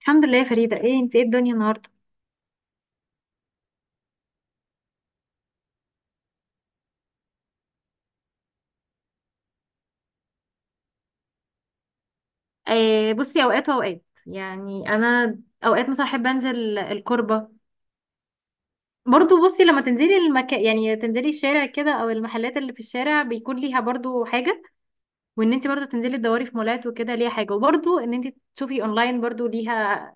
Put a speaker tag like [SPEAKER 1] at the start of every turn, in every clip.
[SPEAKER 1] الحمد لله يا فريدة، ايه انت؟ ايه الدنيا النهاردة؟ آه، بصي اوقات واوقات يعني. انا اوقات مثلا احب انزل الكربة. برضو بصي، لما تنزلي المكان يعني تنزلي الشارع كده او المحلات اللي في الشارع، بيكون ليها برضو حاجة. وان انت برضو تنزلي تدوري في مولات وكده ليها حاجة، وبرضو ان انت تشوفي اونلاين برضو ليها.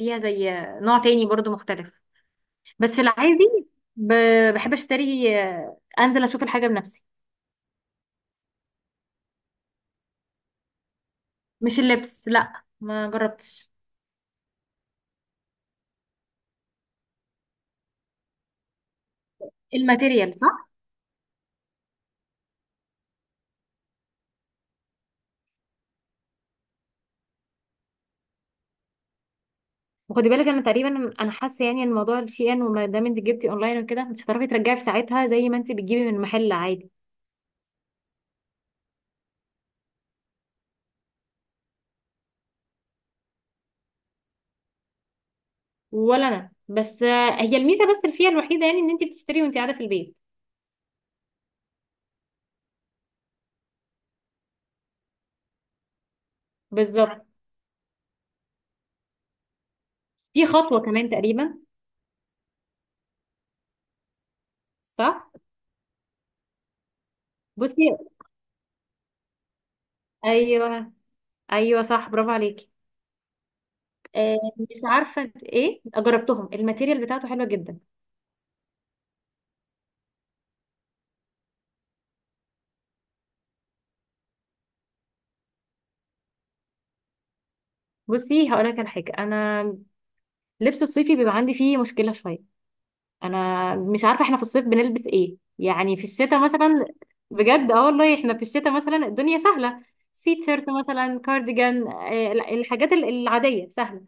[SPEAKER 1] زي نوع تاني برضو مختلف. بس في العادي، بحب اشتري، انزل اشوف الحاجة بنفسي. مش اللبس، لا، ما جربتش الماتيريال. وخدي بالك، انا تقريبا حاسه يعني ان موضوع الشيان، وما دام انت جبتي اونلاين وكده، مش هتعرفي ترجعي في ساعتها زي ما انت بتجيبي من محل عادي. ولا انا، بس هي الميزه بس اللي فيها الوحيده يعني ان انت بتشتري وانت قاعده في البيت. بالظبط. في خطوه كمان تقريبا. صح. بصي. ايوه. ايوه صح، برافو عليكي. آه، مش عارفه ايه، جربتهم، الماتيريال بتاعته حلوه جدا. بصي، هقول لك على حاجه. انا لبس الصيفي بيبقى عندي فيه مشكله شويه. انا مش عارفه، احنا في الصيف بنلبس ايه؟ يعني في الشتاء مثلا، بجد اه والله، احنا في الشتاء مثلا الدنيا سهله. سويتشيرت مثلا، كارديجان، لا، الحاجات العاديه سهله.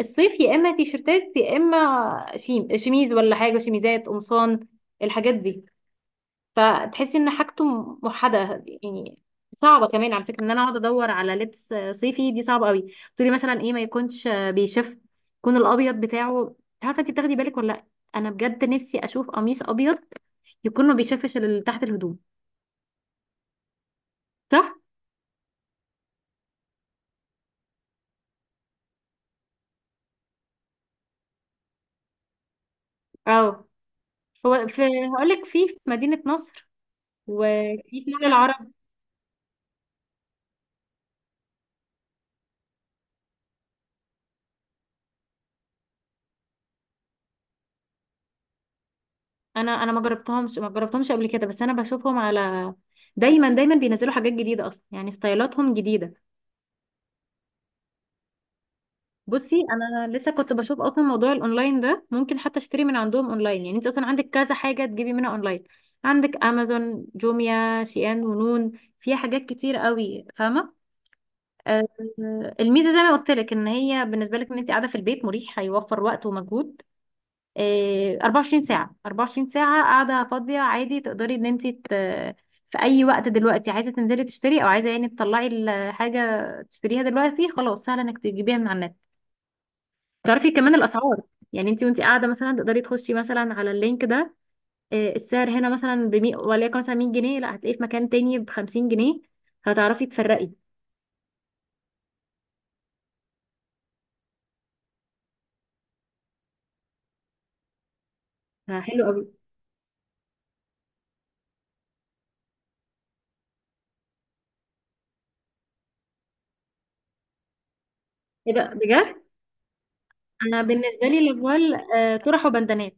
[SPEAKER 1] الصيف يا اما تيشرتات يا اما شيميز ولا حاجه، شيميزات، قمصان، الحاجات دي. فتحسي ان حاجته موحده يعني. صعبه كمان على فكره ان انا اقعد ادور على لبس صيفي، دي صعبه قوي. تقولي مثلا ايه؟ ما يكونش بيشف، يكون الابيض بتاعه، مش عارفه انت بتاخدي بالك ولا لا. انا بجد نفسي اشوف قميص ابيض يكون ما بيشفش اللي تحت الهدوم. صح. اه. هو في، هقول لك، في مدينه نصر، وفي في مول العرب. انا ما جربتهمش قبل كده، بس انا بشوفهم على، دايما بينزلوا حاجات جديده اصلا، يعني ستايلاتهم جديده. بصي، انا لسه كنت بشوف اصلا موضوع الاونلاين ده، ممكن حتى اشتري من عندهم اونلاين. يعني انت اصلا عندك كذا حاجه تجيبي منها اونلاين. عندك امازون، جوميا، شيئان، ونون. فيها حاجات كتير قوي، فاهمه؟ آه، الميزه زي ما قلت لك، ان هي بالنسبه لك ان انت قاعده في البيت، مريح، هيوفر وقت ومجهود. 24 ساعه، 24 ساعه قاعده فاضيه، عادي تقدري ان في اي وقت دلوقتي عايزه تنزلي تشتري، او عايزه يعني تطلعي الحاجه تشتريها دلوقتي، خلاص سهل انك تجيبيها من على النت. تعرفي كمان الاسعار، يعني انت وانت قاعده مثلا تقدري تخشي مثلا على اللينك ده. السعر هنا مثلا ب 100، وليكن مثلا 100 جنيه، لا هتلاقيه في مكان تاني ب 50 جنيه، هتعرفي تفرقي. فحلو قوي. ايه ده بجد؟ انا بالنسبه لي لافوال، طرح وبندانات.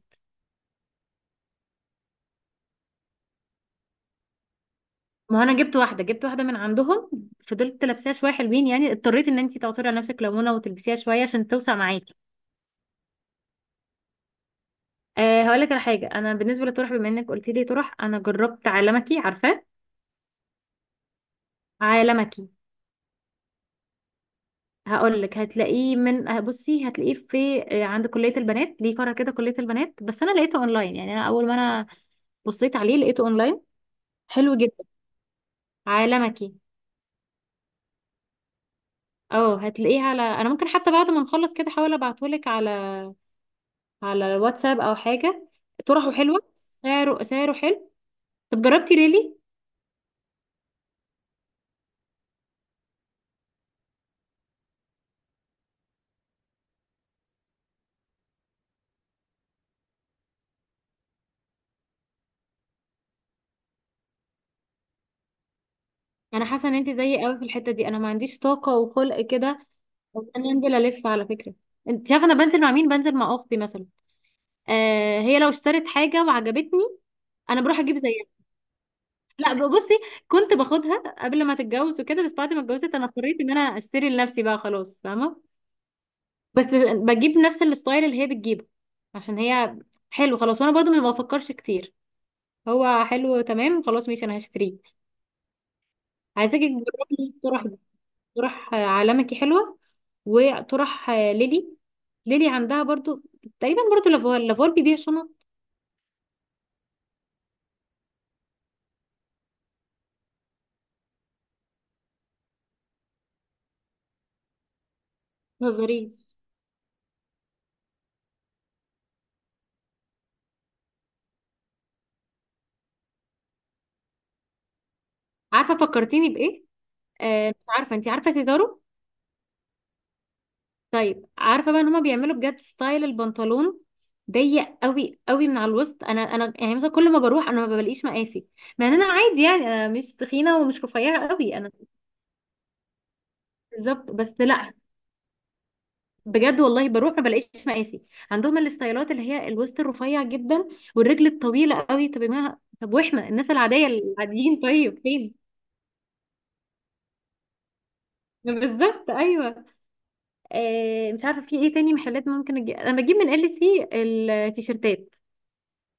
[SPEAKER 1] ما هو انا جبت واحده من عندهم، فضلت لابساها شويه حلوين يعني. اضطريت ان انت تعصري على نفسك ليمونه وتلبسيها شويه عشان توسع معاكي. أه، هقول لك على حاجه، انا بالنسبه للطرح، بما انك قلت لي طرح، انا جربت عالمكي، عارفاه؟ عالمكي. هقول لك، هتلاقيه من بصي، هتلاقيه في، عند كلية البنات، ليه فرع كده كلية البنات، بس انا لقيته اونلاين. يعني انا اول ما بصيت عليه لقيته اونلاين. حلو جدا عالمكي. اه، هتلاقيه على، انا ممكن حتى بعد ما نخلص كده احاول ابعتهولك على على الواتساب او حاجة. طرحه حلوة، سعره حلو. طب جربتي ريلي؟ انا حاسة ان انت زيي قوي في الحتة دي. انا ما عنديش طاقة وخلق كده ان انا انزل، الف على فكرة. انت عارفة انا بنزل مع مين؟ بنزل مع اختي مثلا. آه، هي لو اشترت حاجة وعجبتني انا بروح اجيب زيها. لا بصي، كنت باخدها قبل ما تتجوز وكده، بس بعد ما اتجوزت انا اضطريت ان انا اشتري لنفسي بقى، خلاص فاهمة. بس بجيب نفس الستايل اللي هي بتجيبه، عشان هي حلو خلاص، وانا برضو ما بفكرش كتير، هو حلو تمام خلاص ماشي انا هشتريه. عايزاكي تجربي طرح دي، طرح عالمكي حلوة. وطرح ليلي، ليلي عندها برضو تقريبا برضو لافوال. لافوال بيبيع شنط. نظريه. عارفة فكرتيني بإيه؟ مش عارفه، انت عارفه سيزارو؟ طيب عارفه بقى ان هما بيعملوا بجد ستايل البنطلون ضيق قوي قوي من على الوسط. انا يعني مثلا كل ما بروح انا ما بلاقيش مقاسي، مع ان انا عادي يعني، انا مش تخينه ومش رفيعه قوي انا. بالظبط، بس لا، بجد والله بروح ما بلاقيش مقاسي. عندهم الستايلات اللي هي الوسط الرفيع جدا والرجل الطويله قوي. طب يا جماعه، طب واحنا الناس العاديه العاديين طيب فين؟ بالظبط، ايوه. آه، مش عارفه في ايه تاني محلات ممكن انا بجيب من ال سي التيشيرتات.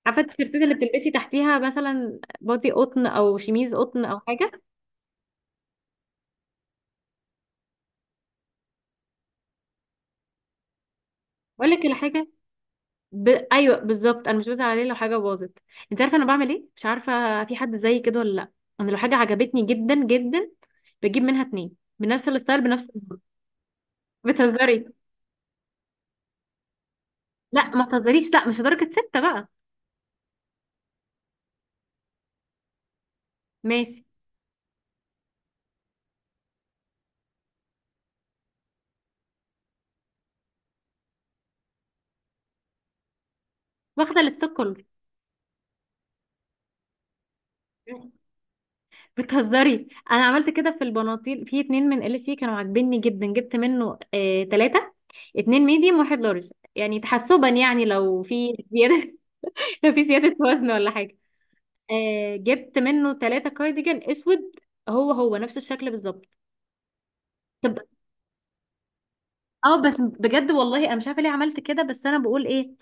[SPEAKER 1] عارفه التيشيرتات اللي بتلبسي تحتيها مثلا، بادي قطن او شميز قطن او حاجه. اقول لك الحاجه، ايوه بالظبط، انا مش بزعل عليه لو حاجه باظت. انت عارفه انا بعمل ايه؟ مش عارفه في حد زي كده ولا لا. انا لو حاجه عجبتني جدا جدا بجيب منها اتنين بنفس الستايل بنفس الماركة. بتهزري؟ لا ما تهزريش، لا مش لدرجه سته بقى. ماشي، واخده الستوك كله. بتهزري، انا عملت كده في البناطيل، في اتنين من ال سي كانوا عاجبني جدا جبت منه آه... تلاته، اتنين ميديوم واحد لارج، يعني تحسبا يعني لو في زيادة. لو في زيادة وزن ولا حاجة. آه، جبت منه ثلاثة كارديجان اسود، هو نفس الشكل بالظبط. طب اه، بس بجد والله انا مش عارفة ليه عملت كده، بس انا بقول ايه؟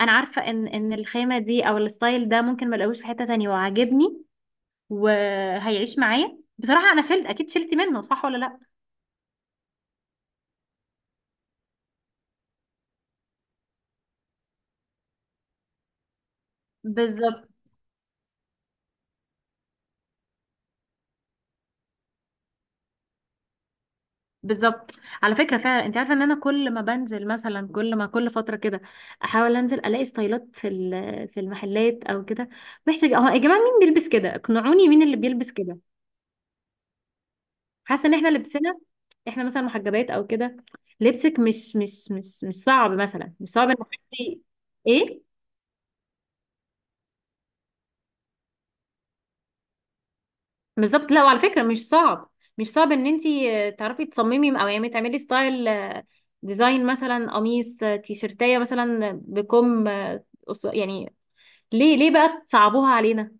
[SPEAKER 1] انا عارفة ان الخامة دي او الستايل ده ممكن ما الاقوش في حتة تانية وعاجبني، وهيعيش معايا. بصراحة انا شلت، اكيد شلت منه، صح ولا لا؟ بالظبط. بالظبط. على فكره فعلا، انت عارفه ان انا كل ما بنزل مثلا، كل ما كل فتره كده احاول انزل الاقي ستايلات في في المحلات او كده، محتاجه اه يا جماعه مين بيلبس كده؟ اقنعوني مين اللي بيلبس كده. حاسه ان احنا لبسنا، احنا مثلا محجبات او كده، لبسك مش صعب مثلا، مش صعب ان حد، ايه؟ بالظبط، لا وعلى فكره مش صعب، ان انت تعرفي تصممي، او يعني تعملي ستايل، ديزاين، مثلا قميص، تيشرتايه مثلا بكم، يعني ليه، بقى تصعبوها علينا؟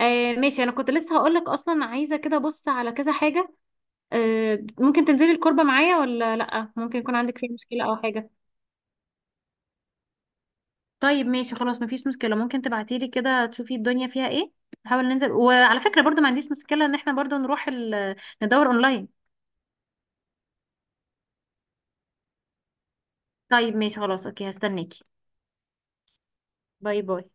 [SPEAKER 1] آه ماشي. انا كنت لسه هقولك اصلا، عايزه كده بص على كذا حاجه. آه، ممكن تنزلي الكربه معايا ولا لا؟ ممكن يكون عندك فيها مشكله او حاجه. طيب ماشي خلاص، مفيش مشكله، ممكن تبعتيلي كده، تشوفي الدنيا فيها ايه، نحاول ننزل. وعلى فكره برضو ما عنديش مشكله ان احنا برضو نروح ندور اونلاين. طيب ماشي خلاص، اوكي، هستناكي. باي باي.